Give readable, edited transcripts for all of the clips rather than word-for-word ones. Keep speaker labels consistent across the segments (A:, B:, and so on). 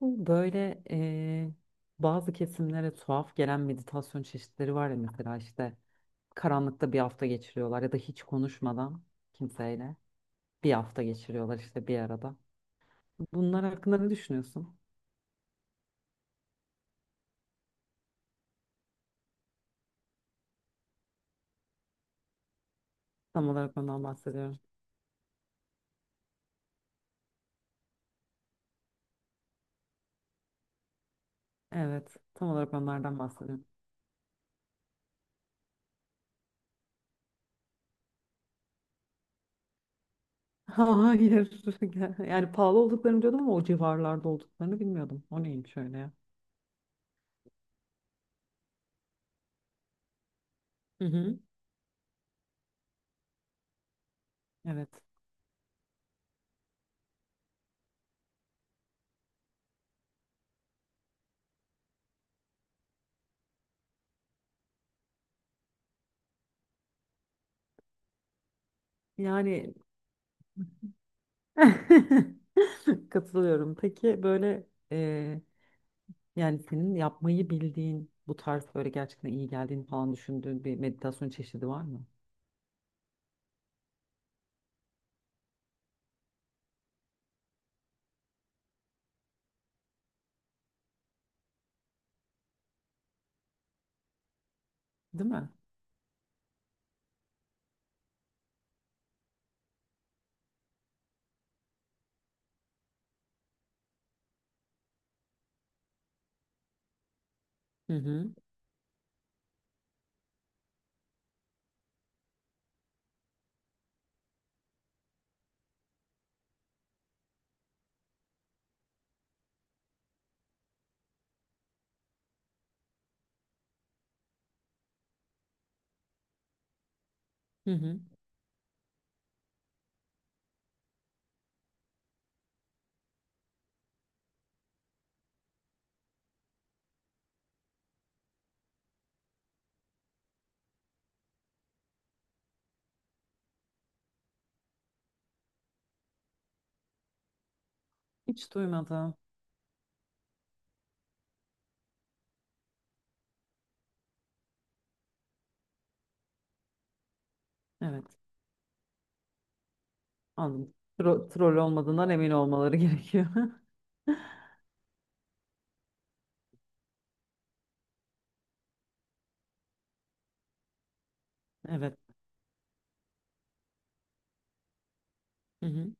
A: Bu böyle, bazı kesimlere tuhaf gelen meditasyon çeşitleri var ya, mesela işte karanlıkta bir hafta geçiriyorlar ya da hiç konuşmadan kimseyle bir hafta geçiriyorlar işte bir arada. Bunlar hakkında ne düşünüyorsun? Tam olarak ondan bahsediyorum. Evet, tam olarak onlardan bahsediyorum. Hayır. Yani pahalı olduklarını biliyordum ama o civarlarda olduklarını bilmiyordum. O neymiş öyle ya? Hı hı. Evet. Yani katılıyorum. Peki böyle, yani senin yapmayı bildiğin bu tarz, böyle gerçekten iyi geldiğini falan düşündüğün bir meditasyon çeşidi var mı? Değil mi? Hı hı. Hı hı. Hiç duymadım. Evet. Anladım. Troll olmadığından emin olmaları gerekiyor. Evet. Hı hı.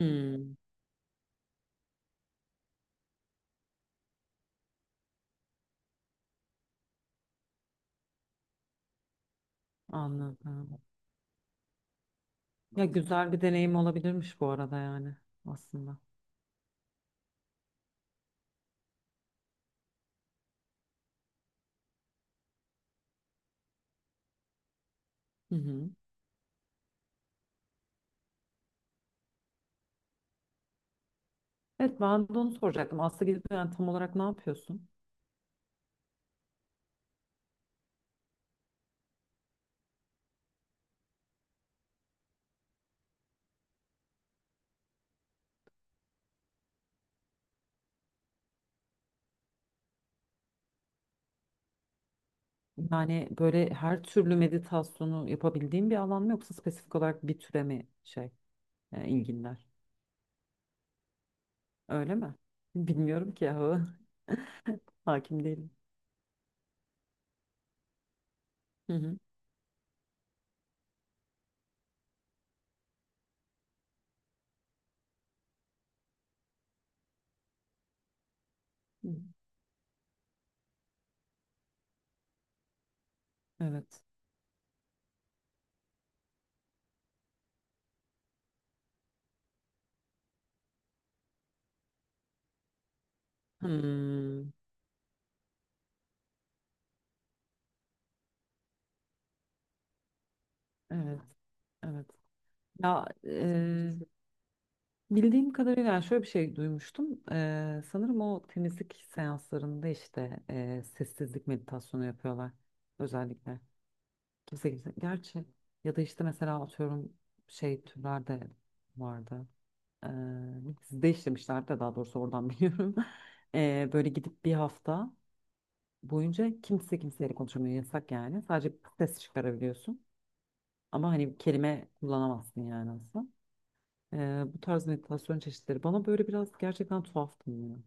A: Hmm, anladım. Ya, güzel bir deneyim olabilirmiş bu arada, yani aslında. Hı hı. Evet, ben de onu soracaktım. Aslında gidip yani tam olarak ne yapıyorsun? Yani böyle her türlü meditasyonu yapabildiğin bir alan mı, yoksa spesifik olarak bir türe mi şey? Enginler. Öyle mi? Bilmiyorum ki yahu. Hakim değilim. Hı hı. Hı. Evet. Hmm. Evet. Evet. Ya, bildiğim kadarıyla yani şöyle bir şey duymuştum. Sanırım o temizlik seanslarında işte sessizlik meditasyonu yapıyorlar özellikle. Kimse kimse. Gerçi ya da işte mesela atıyorum şey türlerde vardı. E, Sizde işlemişlerdi de, daha doğrusu oradan biliyorum. Böyle gidip bir hafta boyunca kimse kimseyle konuşamıyor. Yasak yani. Sadece ses çıkarabiliyorsun. Ama hani kelime kullanamazsın yani aslında. Bu tarz meditasyon çeşitleri bana böyle biraz gerçekten tuhaf geliyor.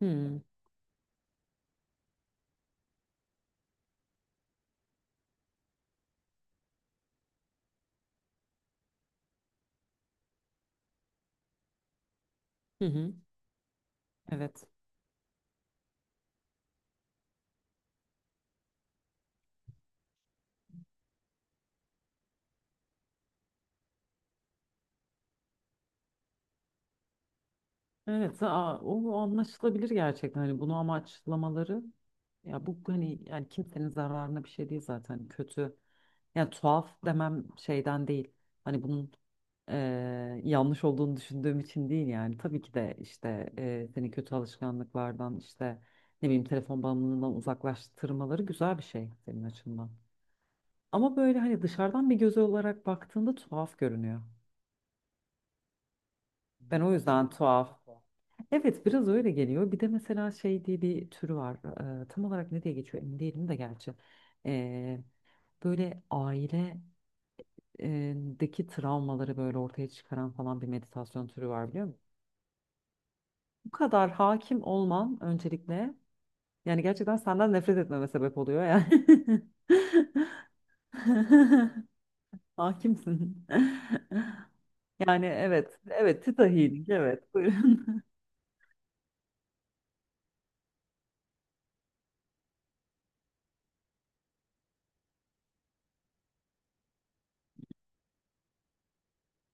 A: Hmm. Hı hı. Evet. Evet, o anlaşılabilir gerçekten. Hani bunu amaçlamaları, ya bu hani yani kimsenin zararına bir şey değil zaten, kötü. Yani tuhaf demem şeyden değil. Hani bunun yanlış olduğunu düşündüğüm için değil yani. Tabii ki de işte seni kötü alışkanlıklardan işte ne bileyim telefon bağımlılığından uzaklaştırmaları güzel bir şey senin açından. Ama böyle hani dışarıdan bir göz olarak baktığında tuhaf görünüyor. Ben o yüzden tuhaf. Evet, biraz öyle geliyor. Bir de mesela şey diye bir türü var. Tam olarak ne diye geçiyor emin değilim de gerçi. Ee, Böyle aile deki travmaları böyle ortaya çıkaran falan bir meditasyon türü var biliyor musun? Bu kadar hakim olman öncelikle yani gerçekten senden nefret etmeme sebep oluyor yani. Hakimsin. Yani evet, evet, Theta Healing, evet, buyurun.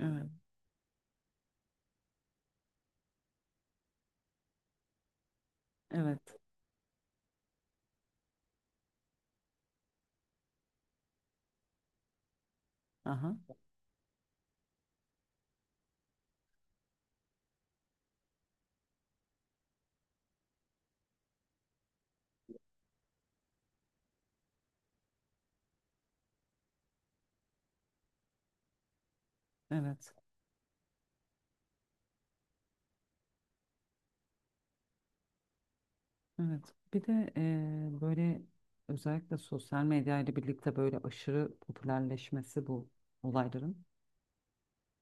A: Evet, evet, aha, evet. Evet. Bir de böyle özellikle sosyal medya ile birlikte böyle aşırı popülerleşmesi bu olayların.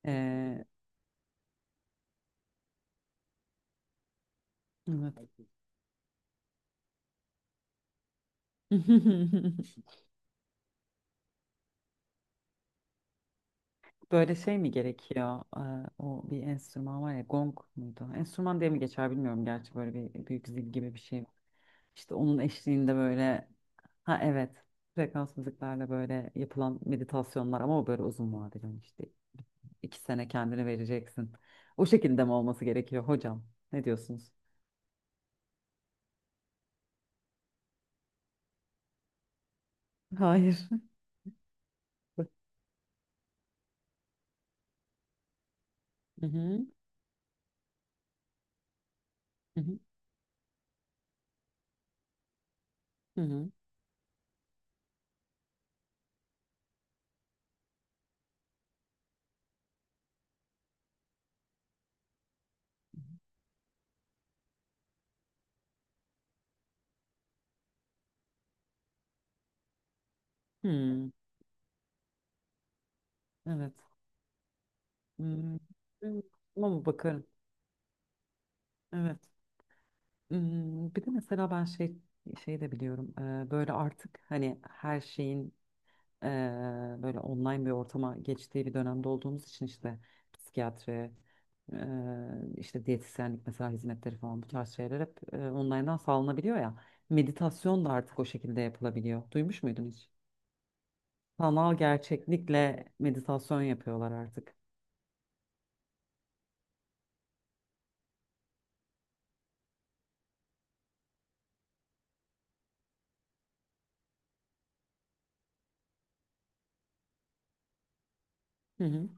A: Eee, evet. Böyle şey mi gerekiyor? O bir enstrüman var ya, gong muydu? Enstrüman diye mi geçer bilmiyorum gerçi, böyle bir büyük zil gibi bir şey. İşte onun eşliğinde böyle, ha evet, frekans müziklerle böyle yapılan meditasyonlar, ama o böyle uzun vadeli hani işte 2 sene kendini vereceksin. O şekilde mi olması gerekiyor hocam? Ne diyorsunuz? Hayır. Hı hı, hı hı, hı hı. Hmm, evet. Hmm, hmm. Ama bakarım. Evet. Hmm, bir de mesela ben şey şey de biliyorum. Böyle artık hani her şeyin Eee, böyle online bir ortama geçtiği bir dönemde olduğumuz için işte psikiyatri, eee, işte diyetisyenlik mesela hizmetleri falan bu tarz şeyler hep online'dan sağlanabiliyor ya. Meditasyon da artık o şekilde yapılabiliyor. Duymuş muydun hiç? Sanal gerçeklikle meditasyon yapıyorlar artık. Hı hı.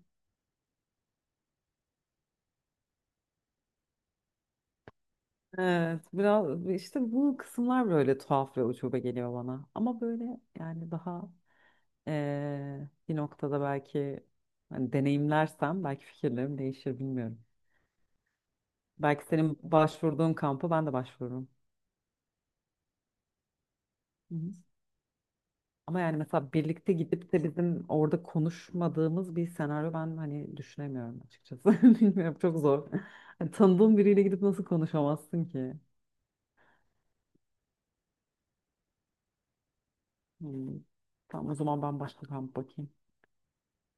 A: Evet, biraz işte bu kısımlar böyle tuhaf ve ucube geliyor bana. Ama böyle yani daha bir noktada belki hani deneyimlersem belki fikirlerim değişir bilmiyorum. Belki senin başvurduğun kampı ben de başvururum. Hı hı. Ama yani mesela birlikte gidip de bizim orada konuşmadığımız bir senaryo ben hani düşünemiyorum açıkçası. Bilmiyorum, çok zor. Hani tanıdığım biriyle gidip nasıl konuşamazsın ki? Hmm. Tamam, o zaman ben başka kamp bakayım.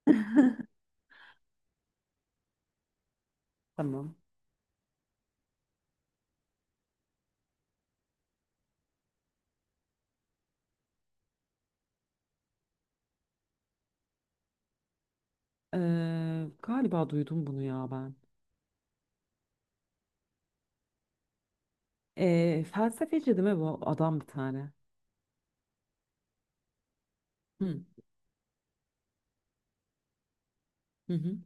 A: Tamam. Galiba duydum bunu ya ben. Felsefeci değil mi bu adam bir tane? Hı hı hı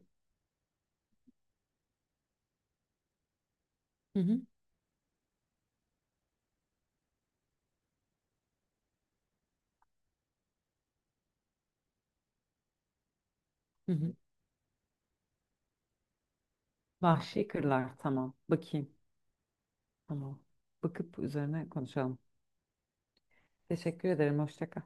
A: hı hı. Hı hı. Vahşi Kırlar, tamam. Bakayım. Tamam. Bakıp üzerine konuşalım. Teşekkür ederim. Hoşça kal.